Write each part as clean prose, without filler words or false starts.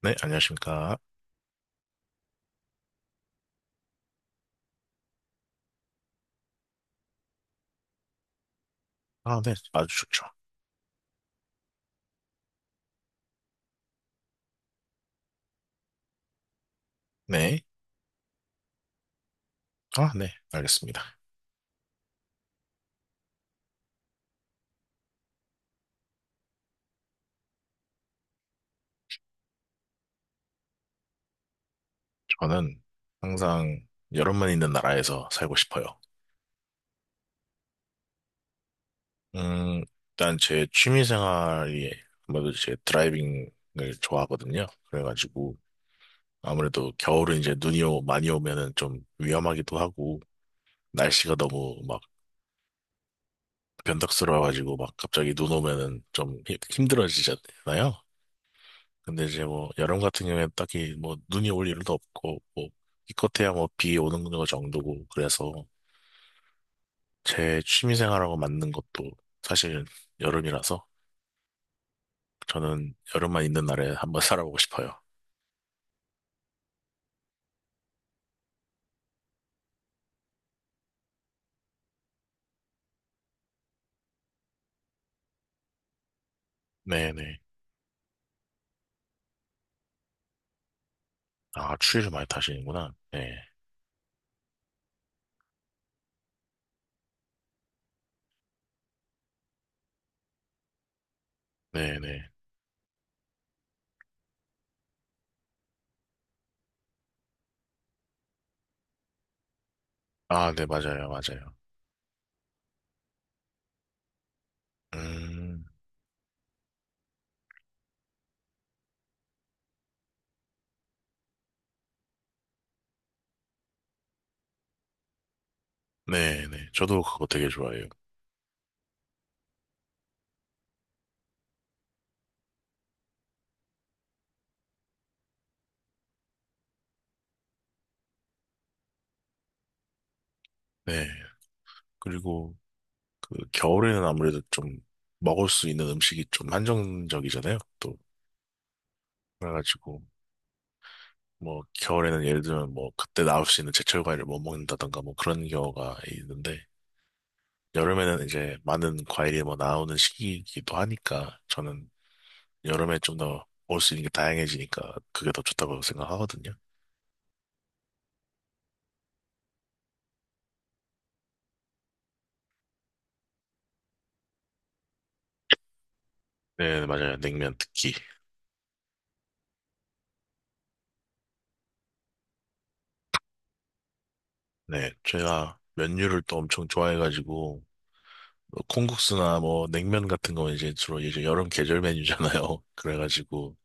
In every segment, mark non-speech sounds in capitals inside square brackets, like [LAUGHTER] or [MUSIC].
네, 안녕하십니까. 아, 네, 아주 좋죠. 네. 아, 네, 알겠습니다. 저는 항상 여름만 있는 나라에서 살고 싶어요. 음, 일단 제 취미 생활이 아무래도 제 드라이빙을 좋아하거든요. 그래가지고 아무래도 겨울은 이제 많이 오면은 좀 위험하기도 하고 날씨가 너무 막 변덕스러워가지고 막 갑자기 눈 오면은 좀 힘들어지잖아요. 근데 이제 뭐 여름 같은 경우에 딱히 뭐 눈이 올 일도 없고 뭐 기껏해야 뭐 비 오는 거 정도고 그래서 제 취미생활하고 맞는 것도 사실은 여름이라서 저는 여름만 있는 날에 한번 [LAUGHS] 살아보고 싶어요. 네네. 아, 추위를 많이 타시는구나. 네. 네네. 아, 네, 맞아요, 맞아요. 음. 네네. 저도 그거 되게 좋아해요. 네. 그리고 그 겨울에는 아무래도 좀 먹을 수 있는 음식이 좀 한정적이잖아요. 또 그래가지고 뭐 겨울에는 예를 들면 뭐 그때 나올 수 있는 제철 과일을 못 먹는다던가 뭐 그런 경우가 있는데 여름에는 이제 많은 과일이 뭐 나오는 시기이기도 하니까 저는 여름에 좀 더 먹을 수 있는 게 다양해지니까 그게 더 좋다고 생각하거든요. 네, 맞아요. 냉면 특히. 네, 제가 면류를 또 엄청 좋아해가지고 뭐 콩국수나 뭐 냉면 같은 거 이제 주로 이제 여름 계절 메뉴잖아요. [LAUGHS] 그래가지고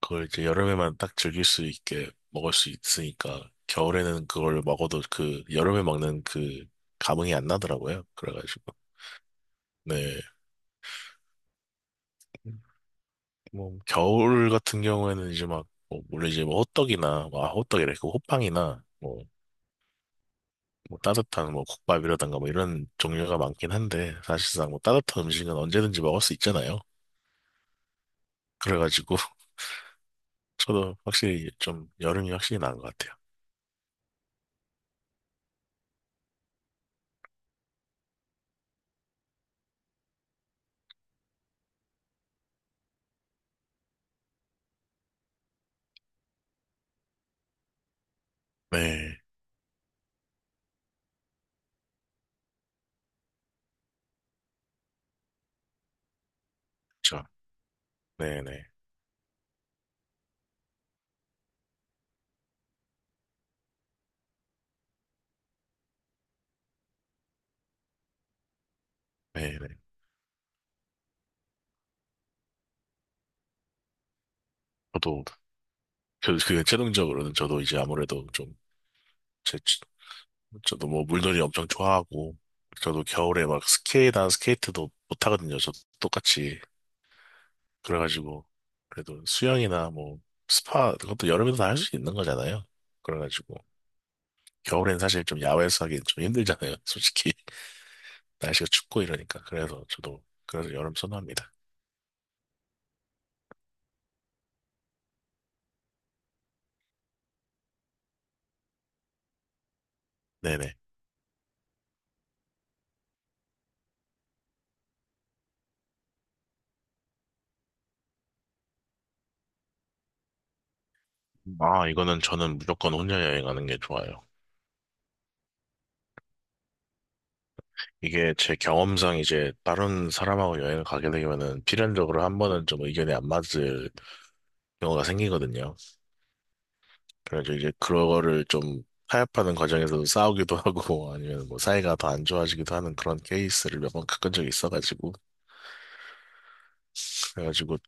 그걸 이제 여름에만 딱 즐길 수 있게 먹을 수 있으니까 겨울에는 그걸 먹어도 그 여름에 먹는 그 감흥이 안 나더라고요. 그래가지고 네. 뭐 겨울 같은 경우에는 이제 막뭐 물론 이제 뭐 호떡이나 뭐 아, 호떡이래 그 호빵이나 뭐, 뭐 따뜻한 뭐 국밥이라든가 뭐 이런 종류가 많긴 한데 사실상 뭐 따뜻한 음식은 언제든지 먹을 수 있잖아요. 그래가지고 저도 확실히 좀 여름이 확실히 나은 것 같아요. 네, 저, 네네, 네네. 저도 그, 그 최종적으로는 저도 이제 아무래도 좀 제, 저도 뭐 물놀이 엄청 좋아하고 저도 겨울에 막 스케이트나 스케이트도 못 하거든요. 저도 똑같이 그래가지고 그래도 수영이나 뭐 스파 그것도 여름에도 다 할 수 있는 거잖아요. 그래가지고 겨울엔 사실 좀 야외에서 하기엔 좀 힘들잖아요. 솔직히 [LAUGHS] 날씨가 춥고 이러니까 그래서 저도 그래서 여름 선호합니다. 네네. 아, 이거는 저는 무조건 혼자 여행하는 게 좋아요. 이게 제 경험상 이제 다른 사람하고 여행을 가게 되면은 필연적으로 한 번은 좀 의견이 안 맞을 경우가 생기거든요. 그래서 이제 그거를 좀 타협하는 과정에서도 싸우기도 하고 [LAUGHS] 아니면 뭐 사이가 더 안 좋아지기도 하는 그런 케이스를 몇 번 겪은 적이 있어가지고 그래가지고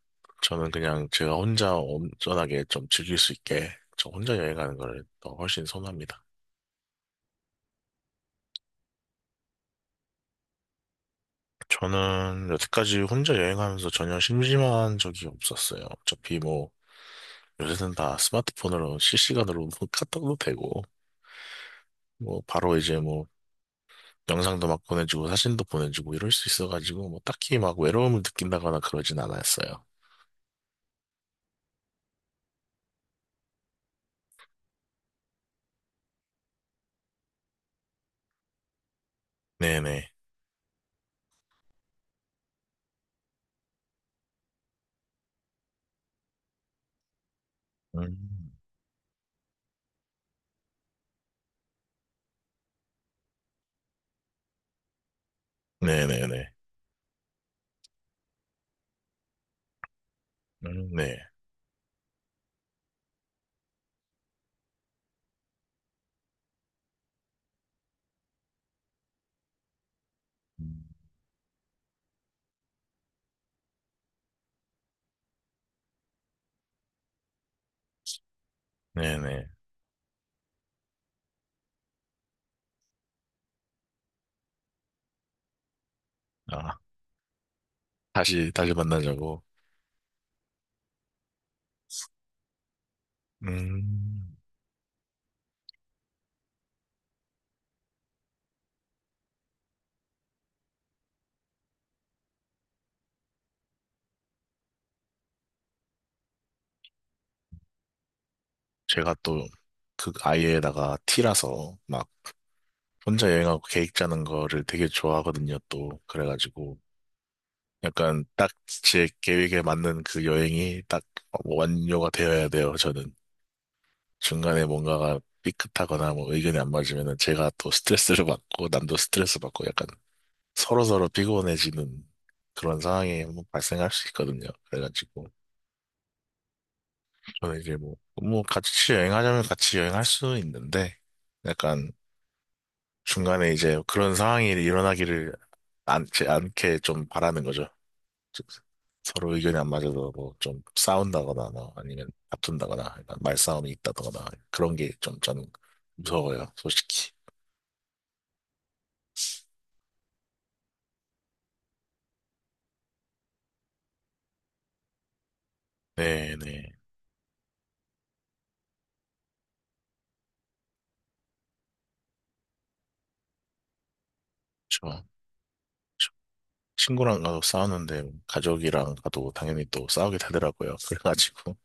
저는 그냥 제가 혼자 온전하게 좀 즐길 수 있게 저 혼자 여행하는 걸 더 훨씬 선호합니다. 저는 여태까지 혼자 여행하면서 전혀 심심한 적이 없었어요. 어차피 뭐, 요새는 다 스마트폰으로 실시간으로 [LAUGHS] 카톡도 되고, 뭐, 바로 이제 뭐, 영상도 막 보내주고, 사진도 보내주고, 이럴 수 있어가지고, 뭐, 딱히 막 외로움을 느낀다거나 그러진 않았어요. 네네. 음. 네네네. 음. 네. 음. 네네. 아, 다시, 다시 만나자고. 음. 제가 또, 그 아이에다가 T라서, 막, 혼자 여행하고 계획 짜는 거를 되게 좋아하거든요, 또. 그래가지고, 약간 딱 제 계획에 맞는 그 여행이 딱 어, 완료가 되어야 돼요, 저는. 중간에 뭔가가 삐끗하거나 뭐 의견이 안 맞으면은 제가 또 스트레스를 받고, 남도 스트레스 받고, 약간 서로서로 피곤해지는 그런 상황이 한번 발생할 수 있거든요. 그래가지고, 저는 이제 뭐, 뭐 같이 여행하자면 같이 여행할 수 있는데, 약간 중간에 이제 그런 상황이 일어나기를 않지 않게 좀 바라는 거죠. 즉, 서로 의견이 안 맞아서 뭐 좀 싸운다거나 뭐 아니면 다툰다거나 약간 말싸움이 있다거나 그런 게 좀 저는 무서워요, 솔직히. 네네. 저, 저 친구랑 가도 싸우는데 가족이랑 가도 당연히 또 싸우게 되더라고요. [LAUGHS] 그래가지고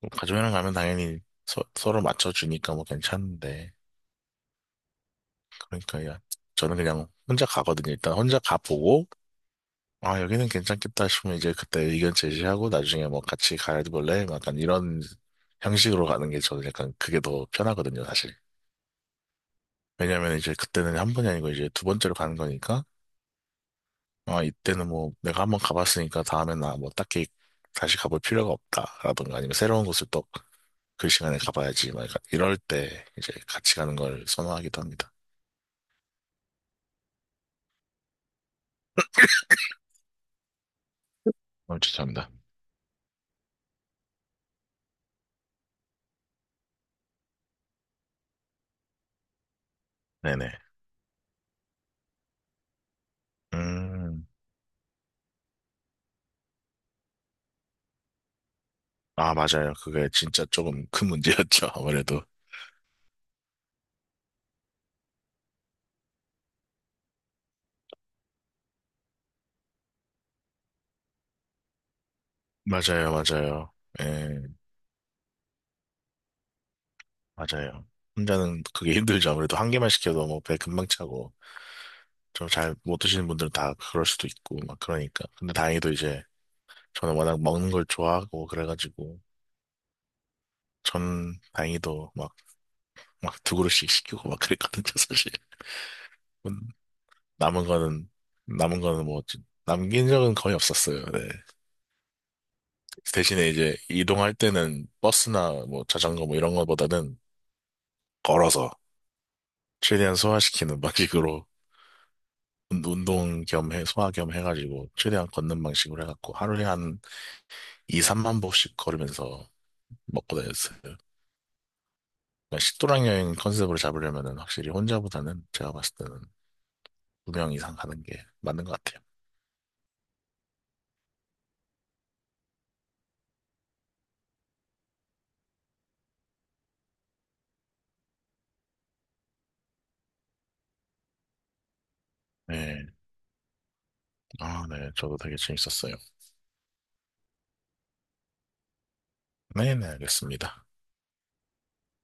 뭐 가족이랑 가면 당연히 서로 맞춰주니까 뭐 괜찮은데 그러니까 야, 저는 그냥 혼자 가거든요. 일단 혼자 가보고 아, 여기는 괜찮겠다 싶으면 이제 그때 의견 제시하고 나중에 뭐 같이 가볼래? 약간 이런 형식으로 가는 게 저는 약간 그게 더 편하거든요, 사실. 왜냐면 이제 그때는 한 번이 아니고 이제 두 번째로 가는 거니까, 아, 이때는 뭐 내가 한번 가봤으니까 다음엔 나뭐 딱히 다시 가볼 필요가 없다라든가 아니면 새로운 곳을 또 그 시간에 가봐야지. 막 약간 이럴 때 이제 같이 가는 걸 선호하기도 합니다. 어, 추천합니다. 네네. 음. 아, 맞아요. 그게 진짜 조금 큰 문제였죠, 아무래도. 맞아요, 맞아요. 예, 맞아요. 혼자는 그게 힘들죠. 아무래도 한 개만 시켜도 뭐 배 금방 차고, 좀 잘 못 드시는 분들은 다 그럴 수도 있고, 막 그러니까. 근데 다행히도 이제, 저는 워낙 먹는 걸 좋아하고, 그래가지고, 전 다행히도 막, 막 두 그릇씩 시키고 막 그랬거든요, 사실. 음. 남은 거는, 남은 거는 뭐, 남긴 적은 거의 없었어요, 네. 대신에 이제, 이동할 때는 버스나 뭐 자전거 뭐 이런 거보다는 걸어서, 최대한 소화시키는 방식으로, 운동 겸 해, 소화 겸 해가지고 최대한 걷는 방식으로 해갖고 하루에 한 2, 3만 보씩 걸으면서 먹고 다녔어요. 그러니까 식도락 여행 컨셉으로 잡으려면은 확실히 혼자보다는 제가 봤을 때는 2명 이상 가는 게 맞는 것 같아요. 네. 아, 네. 저도 되게 재밌었어요. 네네, 알겠습니다. 네.